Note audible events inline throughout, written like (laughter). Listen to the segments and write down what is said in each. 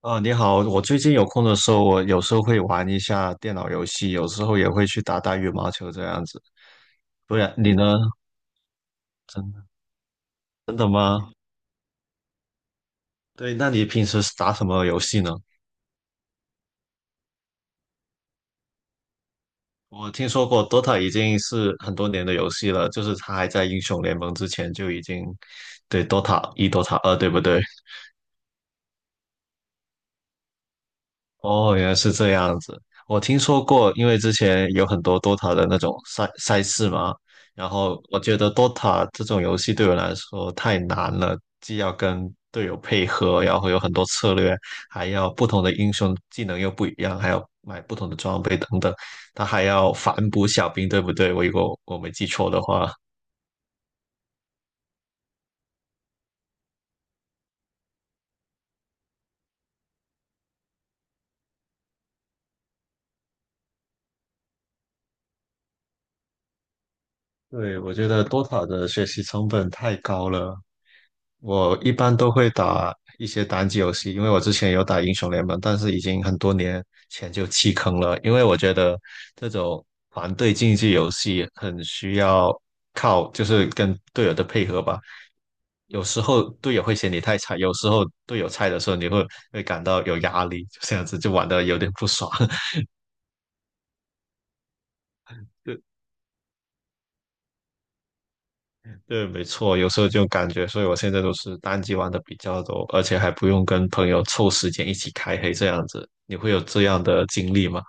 啊，你好！我最近有空的时候，我有时候会玩一下电脑游戏，有时候也会去打打羽毛球这样子。不然你呢？真对，那你平时是打什么游戏呢？我听说过 Dota 已经是很多年的游戏了，就是它还在英雄联盟之前就已经，对 Dota 一、Dota 二，对不对？哦，原来是这样子。我听说过，因为之前有很多 DOTA 的那种赛事嘛，然后我觉得 DOTA 这种游戏对我来说太难了，既要跟队友配合，然后有很多策略，还要不同的英雄技能又不一样，还要买不同的装备等等，他还要反补小兵，对不对？我如果我没记错的话，对，我觉得 DOTA 的学习成本太高了。我一般都会打一些单机游戏，因为我之前有打英雄联盟，但是已经很多年前就弃坑了，因为我觉得这种团队竞技游戏很需要靠就是跟队友的配合吧。有时候队友会嫌你太菜，有时候队友菜的时候，你会感到有压力，就这样子就玩的有点不爽。(laughs) 对，没错，有时候就感觉，所以我现在都是单机玩的比较多，而且还不用跟朋友凑时间一起开黑这样子。你会有这样的经历吗？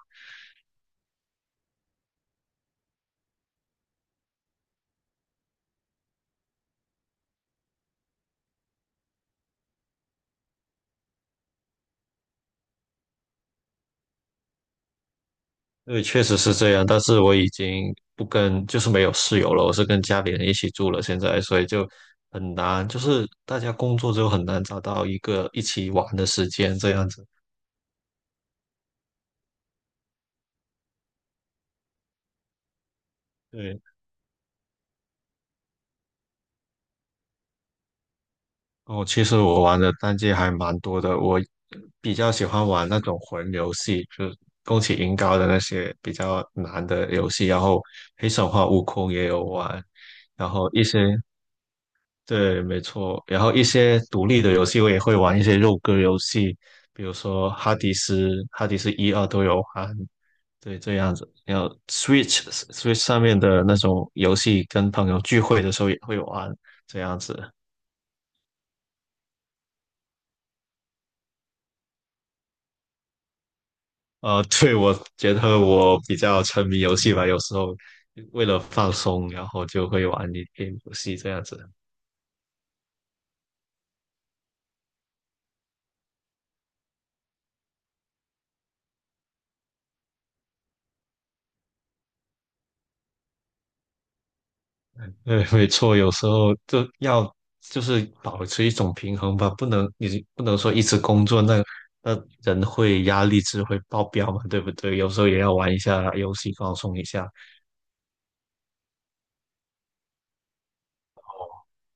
对，确实是这样，但是我已经不跟，就是没有室友了，我是跟家里人一起住了现在，所以就很难，就是大家工作之后很难找到一个一起玩的时间这样子。对，哦，其实我玩的单机还蛮多的，我比较喜欢玩那种魂游戏，就是宫崎银高的那些比较难的游戏，然后黑神话、悟空也有玩，然后一些，对，没错，然后一些独立的游戏我也会玩一些肉鸽游戏，比如说哈迪斯、哈迪斯一二都有玩，对，这样子。然后 Switch 上面的那种游戏，跟朋友聚会的时候也会玩，这样子。(laughs) 对，我觉得我比较沉迷游戏吧，有时候为了放松，然后就会玩一点游戏这样子。对，没错，有时候就要就是保持一种平衡吧，不能你不能说一直工作，那人会压力值会爆表嘛，对不对？有时候也要玩一下游戏放松一下。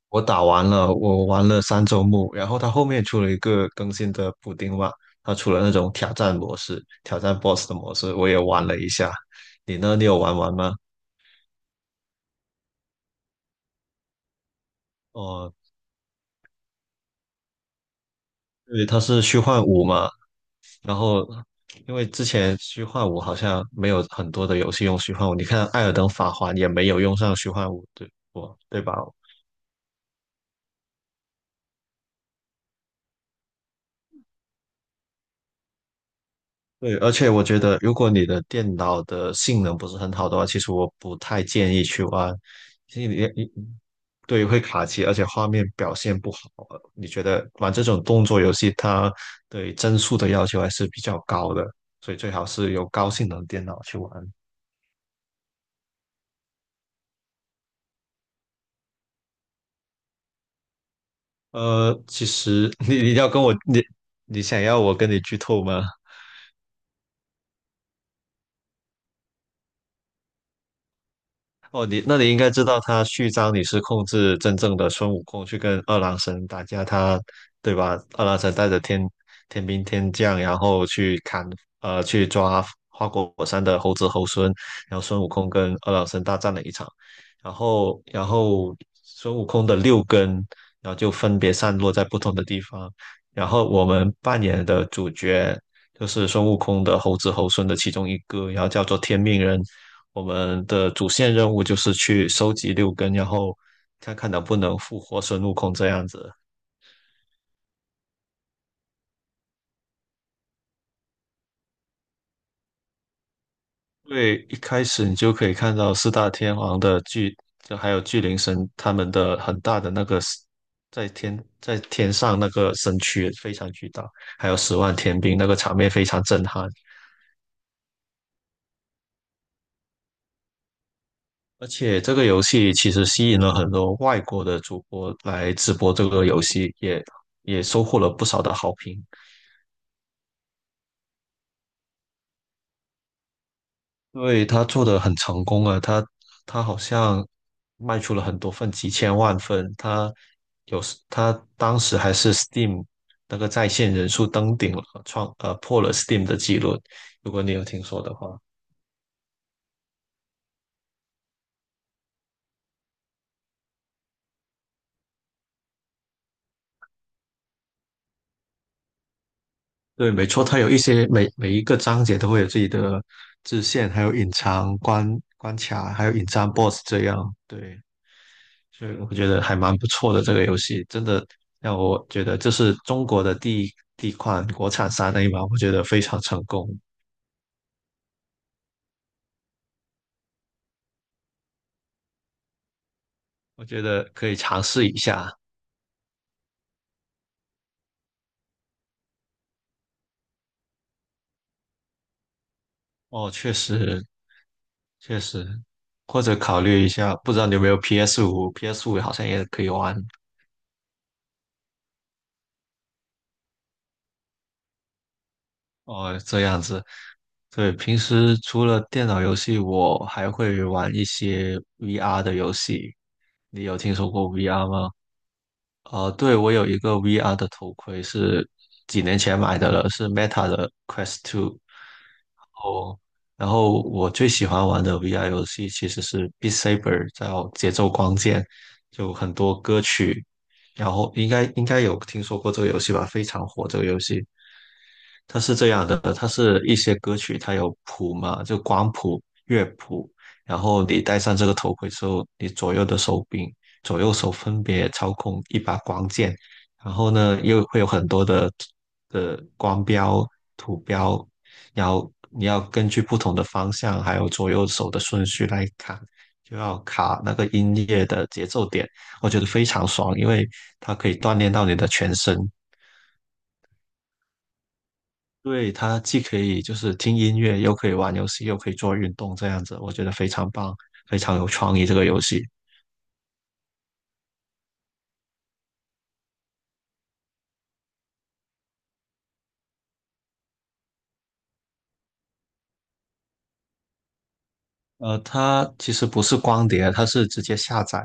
我打完了，我玩了三周目，然后它后面出了一个更新的补丁嘛，它出了那种挑战模式、挑战 BOSS 的模式，我也玩了一下。你呢？你有玩完吗？哦，对，它是虚幻五嘛，然后因为之前虚幻五好像没有很多的游戏用虚幻五，你看《艾尔登法环》也没有用上虚幻五，对不？对吧？对，而且我觉得，如果你的电脑的性能不是很好的话，其实我不太建议去玩。因为你，你对，会卡机，而且画面表现不好。你觉得玩这种动作游戏，它对帧数的要求还是比较高的，所以最好是有高性能电脑去玩。其实 (laughs) 你想要我跟你剧透吗？哦，你那你应该知道他序章你是控制真正的孙悟空去跟二郎神打架，他对吧？二郎神带着天兵天将，然后去砍去抓花果山的猴子猴孙，然后孙悟空跟二郎神大战了一场，然后孙悟空的六根，然后就分别散落在不同的地方，然后我们扮演的主角。就是孙悟空的猴子猴孙的其中一个，然后叫做天命人，我们的主线任务就是去收集六根，然后看看能不能复活孙悟空这样子。因为一开始你就可以看到四大天王的巨，就还有巨灵神他们的很大的那个 在天上那个身躯非常巨大，还有10万天兵那个场面非常震撼。而且这个游戏其实吸引了很多外国的主播来直播这个游戏，也收获了不少的好评。对，他做的很成功啊，他他好像卖出了很多份，几千万份。他有时他当时还是 Steam 那个在线人数登顶了，创破了 Steam 的记录。如果你有听说的话，对，没错，他有一些每一个章节都会有自己的支线，还有隐藏关卡，还有隐藏 BOSS 这样。对，所以我觉得还蛮不错的这个游戏，真的让我觉得这是中国的第一款国产三 A 嘛，我觉得非常成功，我觉得可以尝试一下。哦，确实，或者考虑一下，不知道你有没有 PS 五？PS 五好像也可以玩哦，这样子。对，平时除了电脑游戏，我还会玩一些 VR 的游戏。你有听说过 VR 吗？对，我有一个 VR 的头盔，是几年前买的了，是 Meta 的 Quest t 2。哦，然后我最喜欢玩的 VR 游戏其实是《Beat Saber》，叫节奏光剑，就很多歌曲，然后应该有听说过这个游戏吧？非常火这个游戏，它是这样的，它是一些歌曲，它有谱嘛，就光谱、乐谱，然后你戴上这个头盔之后，你左右的手柄、左右手分别操控一把光剑，然后呢，又会有很多的光标、图标，然后你要根据不同的方向，还有左右手的顺序来看，就要卡那个音乐的节奏点，我觉得非常爽，因为它可以锻炼到你的全身。对，它既可以就是听音乐，又可以玩游戏，又可以做运动，这样子，我觉得非常棒，非常有创意这个游戏。它其实不是光碟，它是直接下载。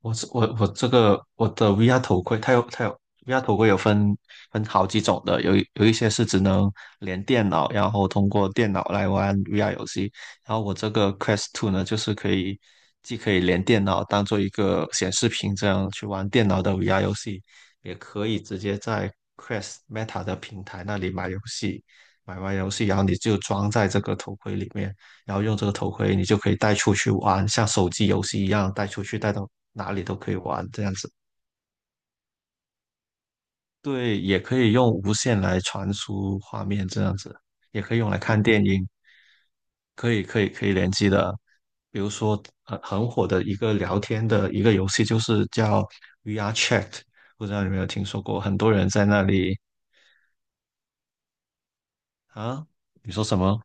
我是我我这个我的 VR 头盔，它有 VR 头盔有分好几种的，有一些是只能连电脑，然后通过电脑来玩 VR 游戏。然后我这个 Quest two 呢，就是可以既可以连电脑当做一个显示屏这样去玩电脑的 VR 游戏，也可以直接在 Quest Meta 的平台那里买游戏，买完游戏然后你就装在这个头盔里面。然后用这个头盔，你就可以带出去玩，像手机游戏一样带出去，带到哪里都可以玩这样子。对，也可以用无线来传输画面这样子，也可以用来看电影，可以联机的。比如说很火的一个聊天的一个游戏，就是叫 VR Chat，不知道你有没有听说过？很多人在那里啊，你说什么？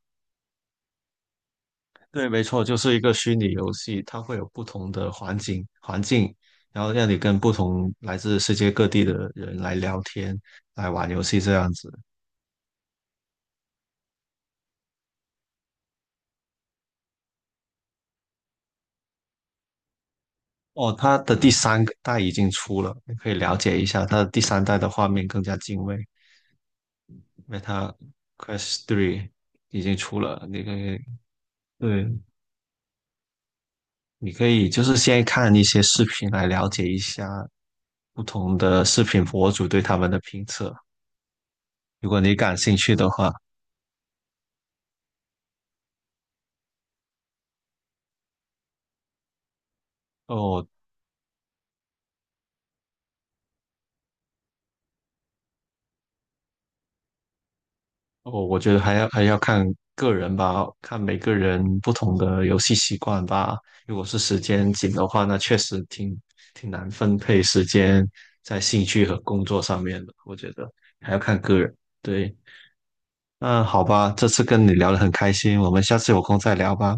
对，没错，就是一个虚拟游戏，它会有不同的环境，然后让你跟不同来自世界各地的人来聊天，来玩游戏这样子。哦，它的第三个代已经出了，你可以了解一下。它的第三代的画面更加精畏因为它 Quest 3已经出了，你可以，对，你可以就是先看一些视频来了解一下不同的视频博主对他们的评测，如果你感兴趣的话。哦，哦，我觉得还要看个人吧，看每个人不同的游戏习惯吧。如果是时间紧的话，那确实挺难分配时间在兴趣和工作上面的。我觉得还要看个人。对，那好吧，这次跟你聊得很开心，我们下次有空再聊吧。